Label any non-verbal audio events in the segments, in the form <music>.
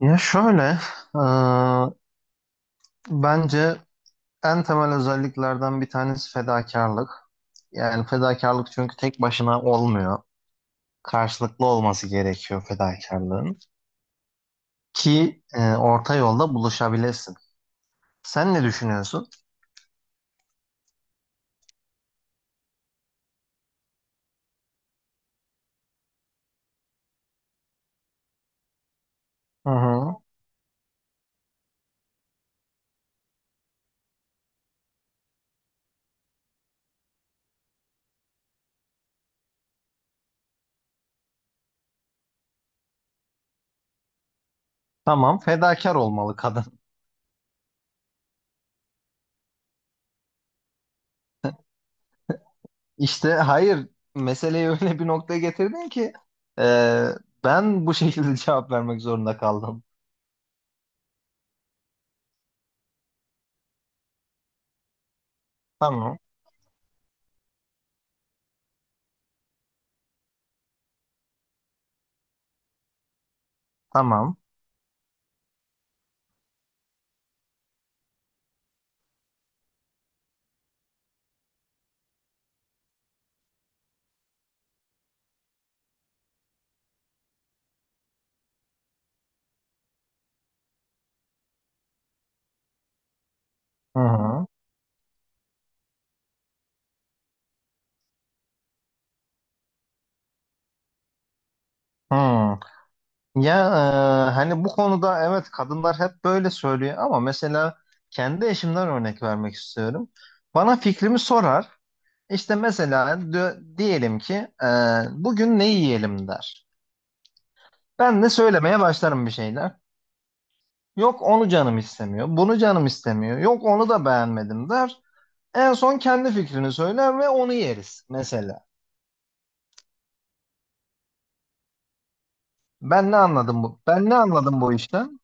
Ya şöyle, e, bence en temel özelliklerden bir tanesi fedakarlık. Yani fedakarlık çünkü tek başına olmuyor. Karşılıklı olması gerekiyor fedakarlığın. Ki orta yolda buluşabilesin. Sen ne düşünüyorsun? Hı hı. Tamam, fedakar olmalı kadın. <laughs> İşte hayır, meseleyi öyle bir noktaya getirdin ki e, ben bu şekilde <laughs> cevap vermek zorunda kaldım. Tamam, tamam. Hı hı. Hı. Ya hani bu konuda evet kadınlar hep böyle söylüyor ama mesela kendi eşimden örnek vermek istiyorum. Bana fikrimi sorar. İşte mesela diyelim ki e, bugün ne yiyelim der. Ben de söylemeye başlarım bir şeyler. Yok onu canım istemiyor, bunu canım istemiyor. Yok onu da beğenmedim der. En son kendi fikrini söyler ve onu yeriz mesela. Ben ne anladım bu? Ben ne anladım bu işten?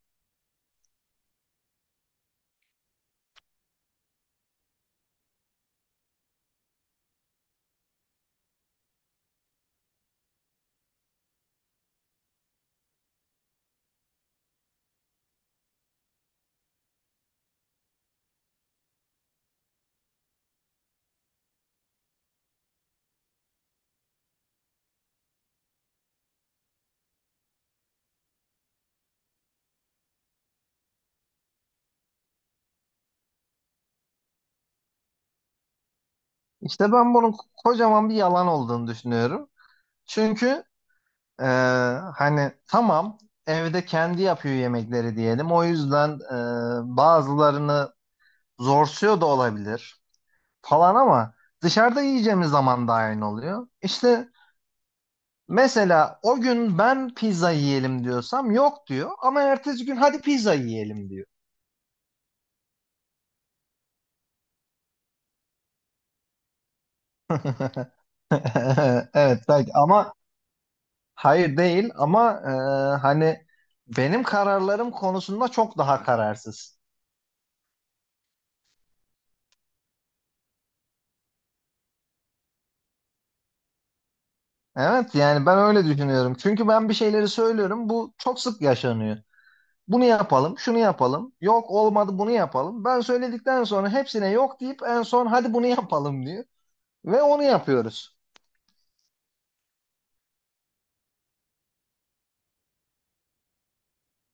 İşte ben bunun kocaman bir yalan olduğunu düşünüyorum. Çünkü Ee, hani tamam evde kendi yapıyor yemekleri diyelim. O yüzden bazılarını zorsuyor da olabilir falan ama dışarıda yiyeceğimiz zaman da aynı oluyor. İşte mesela o gün ben pizza yiyelim diyorsam yok diyor ama ertesi gün hadi pizza yiyelim diyor. <laughs> Evet belki ama hayır değil ama hani benim kararlarım konusunda çok daha kararsız. Evet yani ben öyle düşünüyorum. Çünkü ben bir şeyleri söylüyorum. Bu çok sık yaşanıyor. Bunu yapalım, şunu yapalım. Yok olmadı bunu yapalım. Ben söyledikten sonra hepsine yok deyip en son hadi bunu yapalım diyor. Ve onu yapıyoruz.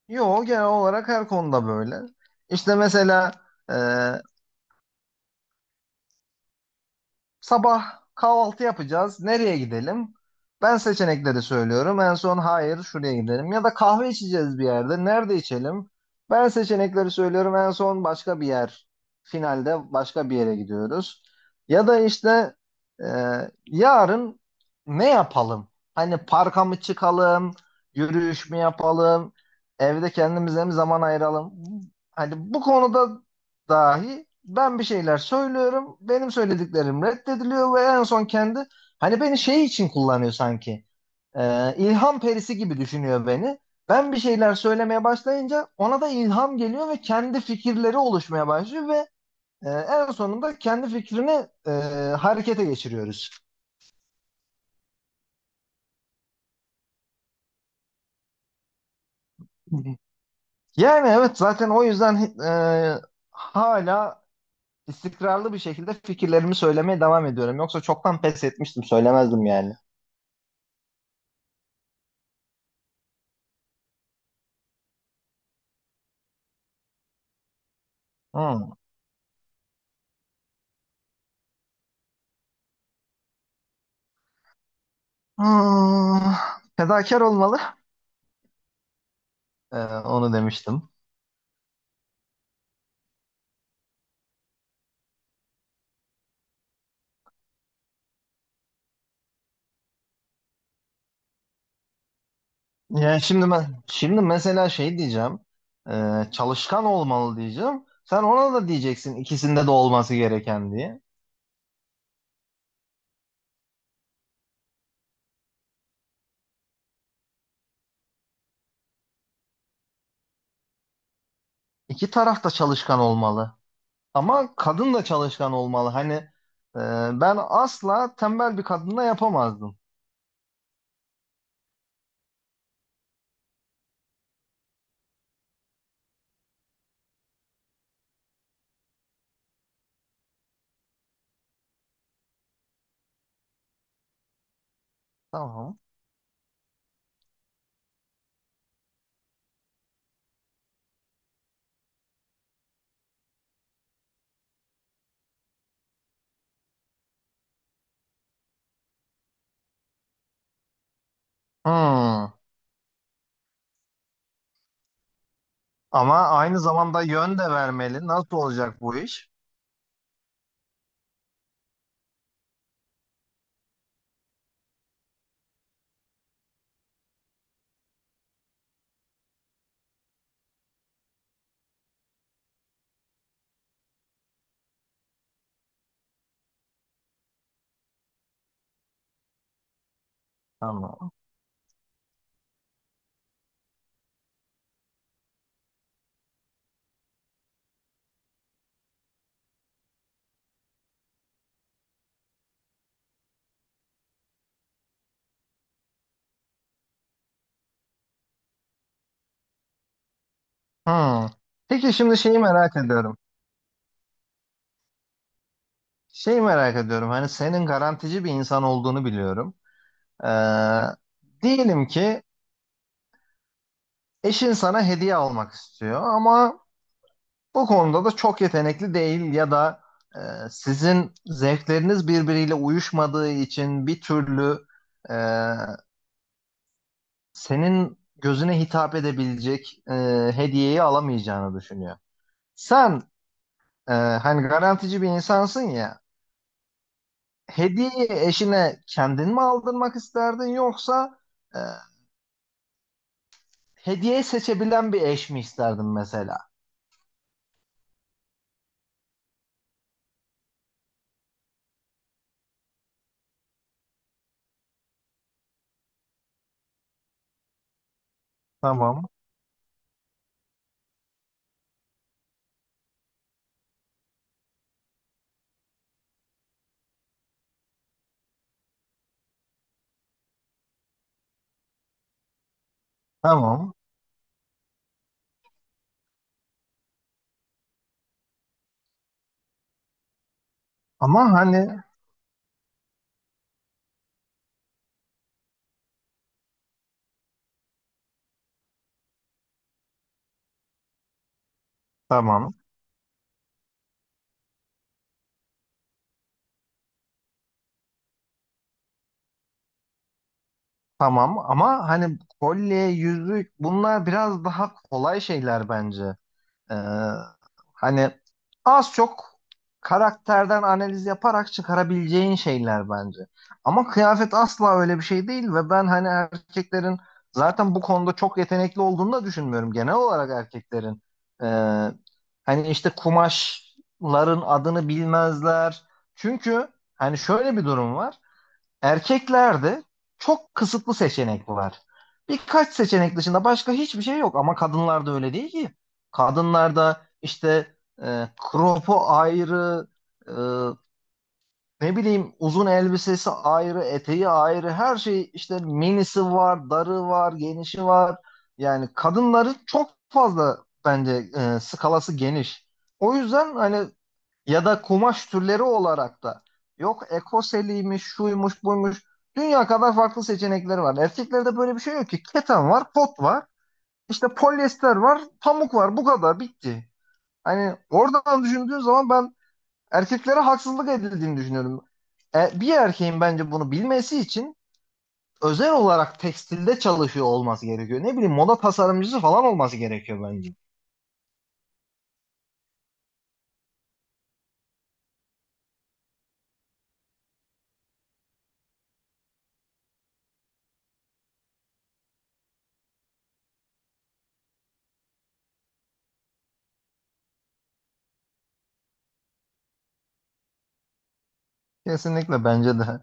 Yo, genel olarak her konuda böyle. İşte mesela sabah kahvaltı yapacağız. Nereye gidelim? Ben seçenekleri söylüyorum. En son hayır şuraya gidelim. Ya da kahve içeceğiz bir yerde. Nerede içelim? Ben seçenekleri söylüyorum. En son başka bir yer. Finalde başka bir yere gidiyoruz. Ya da işte e, yarın ne yapalım? Hani parka mı çıkalım? Yürüyüş mü yapalım? Evde kendimize mi zaman ayıralım? Hani bu konuda dahi ben bir şeyler söylüyorum. Benim söylediklerim reddediliyor ve en son kendi hani beni şey için kullanıyor sanki. İlham perisi gibi düşünüyor beni. Ben bir şeyler söylemeye başlayınca ona da ilham geliyor ve kendi fikirleri oluşmaya başlıyor ve en sonunda kendi fikrini harekete geçiriyoruz. <laughs> Yani evet, zaten o yüzden e, hala istikrarlı bir şekilde fikirlerimi söylemeye devam ediyorum. Yoksa çoktan pes etmiştim, söylemezdim yani. Hı. Hmm, fedakar olmalı. Ee, onu demiştim. Yani şimdi ben şimdi mesela şey diyeceğim. Çalışkan olmalı diyeceğim. Sen ona da diyeceksin ikisinde de olması gereken diye. İki taraf da çalışkan olmalı. Ama kadın da çalışkan olmalı. Hani e, ben asla tembel bir kadınla yapamazdım. Tamam. Hmm. Ama aynı zamanda yön de vermeli. Nasıl olacak bu iş? Tamam. Hmm. Peki şimdi şeyi merak ediyorum. Şey merak ediyorum, hani senin garantici bir insan olduğunu biliyorum. Ee, diyelim ki eşin sana hediye almak istiyor ama bu konuda da çok yetenekli değil ya da e, sizin zevkleriniz birbiriyle uyuşmadığı için bir türlü e, senin gözüne hitap edebilecek hediyeyi alamayacağını düşünüyor. Sen hani garantici bir insansın ya, hediyeyi eşine kendin mi aldırmak isterdin yoksa... e, hediye seçebilen bir eş mi isterdim mesela? Tamam. Tamam. Ama hani tamam. Tamam, ama hani kolye, yüzük bunlar biraz daha kolay şeyler bence. Ee, hani az çok karakterden analiz yaparak çıkarabileceğin şeyler bence. Ama kıyafet asla öyle bir şey değil ve ben hani erkeklerin zaten bu konuda çok yetenekli olduğunu da düşünmüyorum. Genel olarak erkeklerin e, hani işte kumaşların adını bilmezler. Çünkü hani şöyle bir durum var. Erkeklerde çok kısıtlı seçenek var. Birkaç seçenek dışında başka hiçbir şey yok ama kadınlarda öyle değil ki. Kadınlarda işte kropu ayrı, e, ne bileyim uzun elbisesi ayrı, eteği ayrı, her şey işte minisi var, darı var, genişi var. Yani kadınların çok fazla bence skalası geniş. O yüzden hani ya da kumaş türleri olarak da yok ekoseliymiş, şuymuş, buymuş. Dünya kadar farklı seçenekleri var. Erkeklerde böyle bir şey yok ki. Keten var, kot var, işte polyester var, pamuk var. Bu kadar bitti. Hani oradan düşündüğün zaman ben erkeklere haksızlık edildiğini düşünüyorum. E, bir erkeğin bence bunu bilmesi için özel olarak tekstilde çalışıyor olması gerekiyor. Ne bileyim moda tasarımcısı falan olması gerekiyor bence. Kesinlikle bence de.